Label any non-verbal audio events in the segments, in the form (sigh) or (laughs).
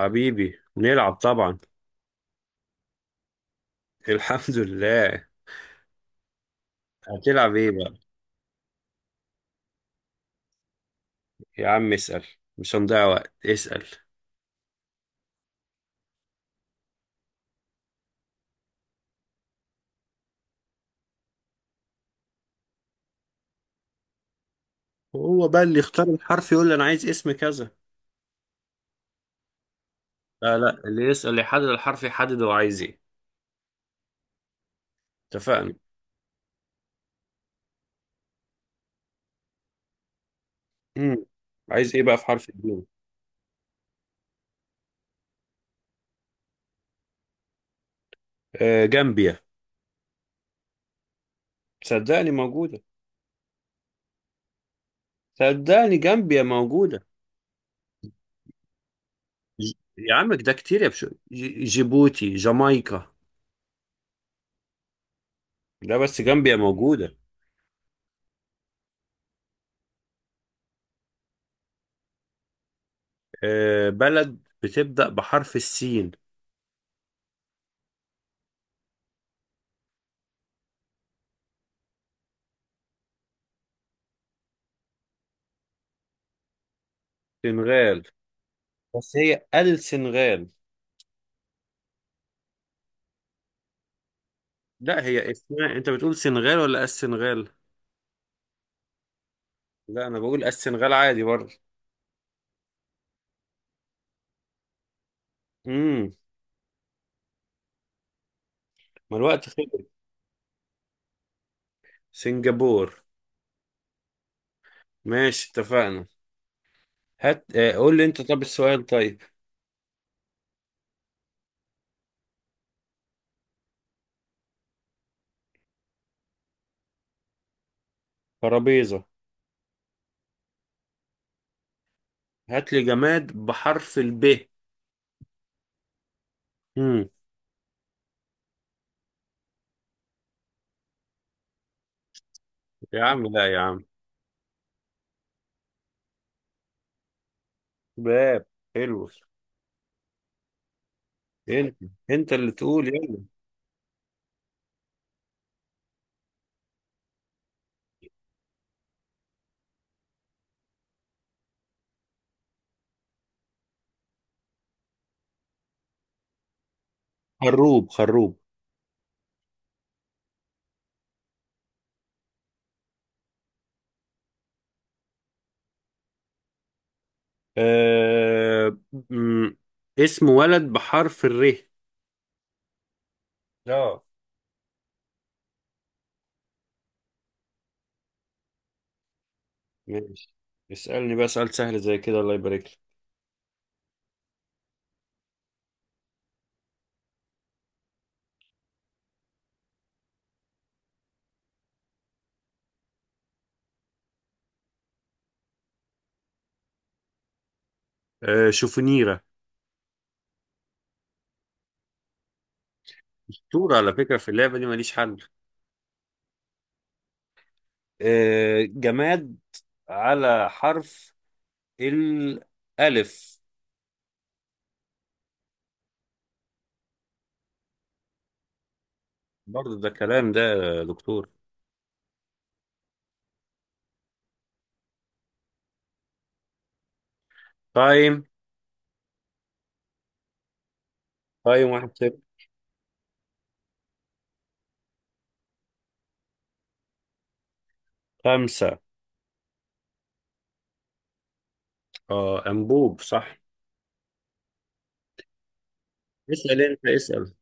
حبيبي نلعب طبعا. (laughs) الحمد لله. هتلعب ايه بقى؟ يا عم اسأل. مش هنضيع وقت، اسأل. هو بقى اللي يختار الحرف يقول لي انا عايز اسم كذا. لا لا، اللي يسأل يحدد الحرف، يحدد هو عايز ايه. اتفقنا. امم عايز ايه بقى في حرف الجيم؟ آه، جامبيا. صدقني موجودة. صدقني جامبيا موجودة. ج... يا عم ده كتير يا بشو. جيبوتي، جامايكا. ده بس، جامبيا موجودة. آه، بلد بتبدأ بحرف السين. سنغال. بس هي السنغال. لا، هي اسمها انت بتقول سنغال ولا السنغال؟ لا، انا بقول السنغال عادي برضه. امم ما الوقت خلص. سنغافور. ماشي، اتفقنا. هات. قول لي انت، طب السؤال طيب. ترابيزة. هات لي جماد بحرف الب. امم يا عم لا، يا عم. باب. حلو. انت انت اللي تقول يلا. خروب، خروب. آه... مم. اسم ولد بحرف الر. اه. ماشي. اسألني بقى سؤال سهل زي كده، الله يبارك لك. آه، شوفونيرة. شطور على فكرة في اللعبة دي، ماليش حل. آه جماد على حرف الألف. برضه ده كلام ده يا دكتور؟ تايم! تايم واحد صفر. خمسة. اه، أنبوب صح. اسأل أنت، اسأل.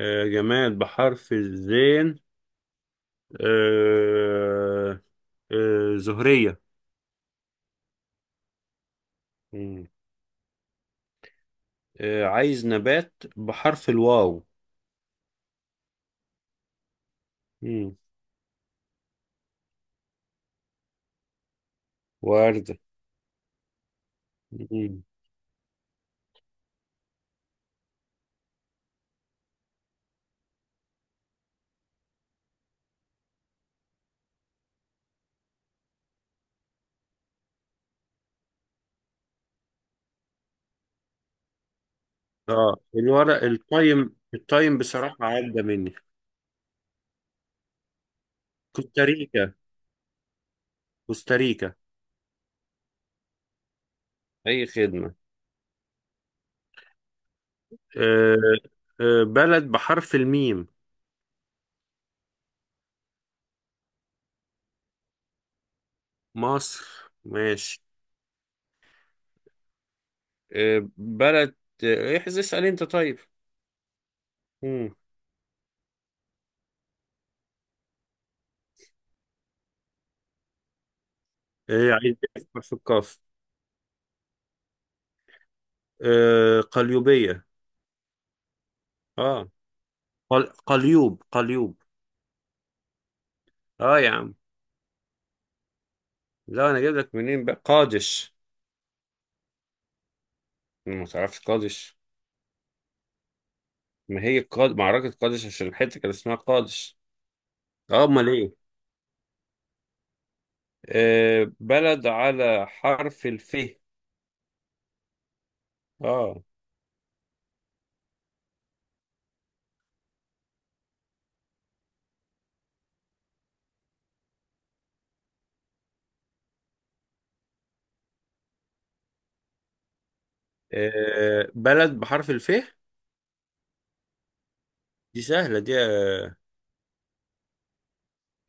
آه جماد بحرف الزين. آه. آه، زهرية. مم. آه، عايز نبات بحرف الواو. مم. وردة. اه الورق، التايم التايم بصراحة عدى مني. كوستاريكا. كوستاريكا. أي خدمة. آه. آه، بلد بحرف الميم. مصر، ماشي. آه، بلد. احذف، اسأل أنت طيب. مم. آه، عايز أفكر في الكاف. آه، قليوبية. اه. قليوب، قليوب. اه يا عم. لا، أنا جايب لك منين بقى قادش. ما تعرفش قادش؟ ما هي معركة قادش عشان الحتة كان اسمها قادش. اه، امال ايه. آه، بلد على حرف الف. اه. آه، بلد بحرف الف. دي سهلة دي. آه،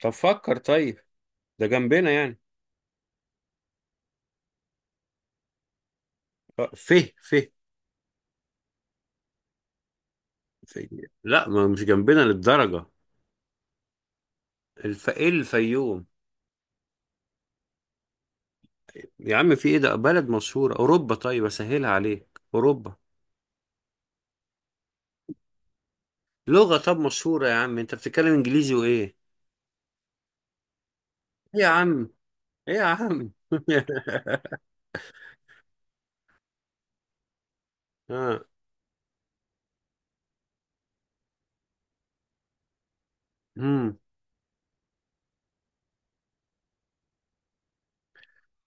طب فكر، طيب. ده جنبنا يعني. آه، ف. ف. ف- لا، ما مش جنبنا للدرجة. الف، ايه، الفيوم. يا عم في ايه، ده بلد مشهورة، اوروبا، طيب اسهلها عليك، اوروبا. لغة طب مشهورة يا عم، انت بتتكلم انجليزي وايه. ايه يا عم. ايه يا عم. (laughs) اه. مم.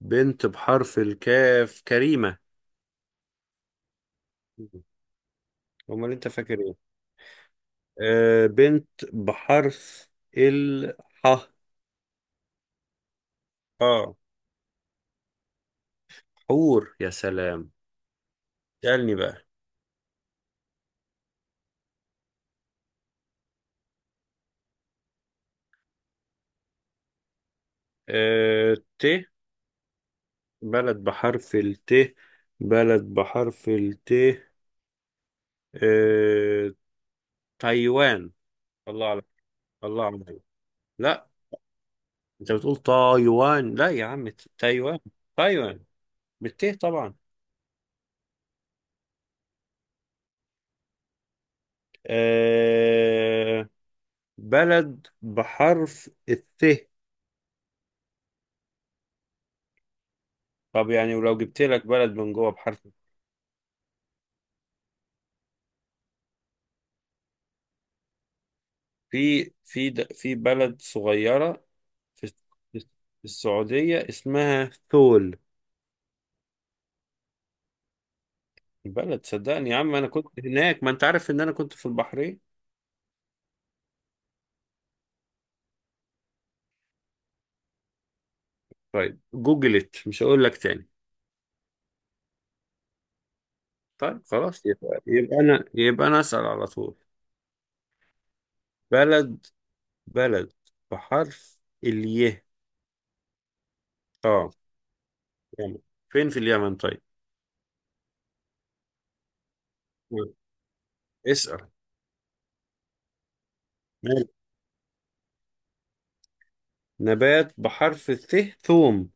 بنت بحرف الكاف، كريمة. امال انت فاكر ايه. آه، بنت بحرف الح. اه. حور، يا سلام. اسألني بقى. آه، ت. بلد بحرف الت. بلد بحرف الت. آه. تايوان. الله عليك. الله عليك. لا، انت بتقول تايوان، لا يا عم، تايوان. تايوان، بالت طبعا. آه، بلد بحرف الث. طب يعني ولو جبت لك بلد من جوه بحرف. في بلد صغيرة. في. في السعودية، اسمها ثول. البلد صدقني يا عم، أنا كنت هناك، ما أنت عارف إن أنا كنت في البحرين. طيب جوجلت، مش هقول لك تاني. طيب خلاص، يبقى أنا أسأل على طول. بلد بلد بحرف الياء. آه. يمن. فين في اليمن؟ طيب. مم. اسأل. مال. نبات بحرف الث. ثوم.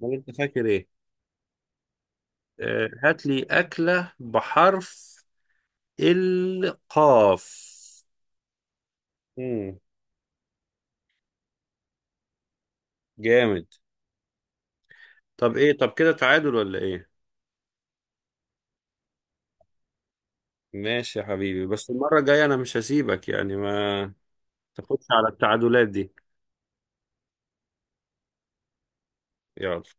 ولا أنت فاكر إيه. آه، هات لي أكلة بحرف القاف. مم. جامد. طب ايه، طب كده تعادل ولا ايه. ماشي يا حبيبي، بس المرة الجاية انا مش هسيبك، يعني ما تاخدش على التعادلات دي. يلا.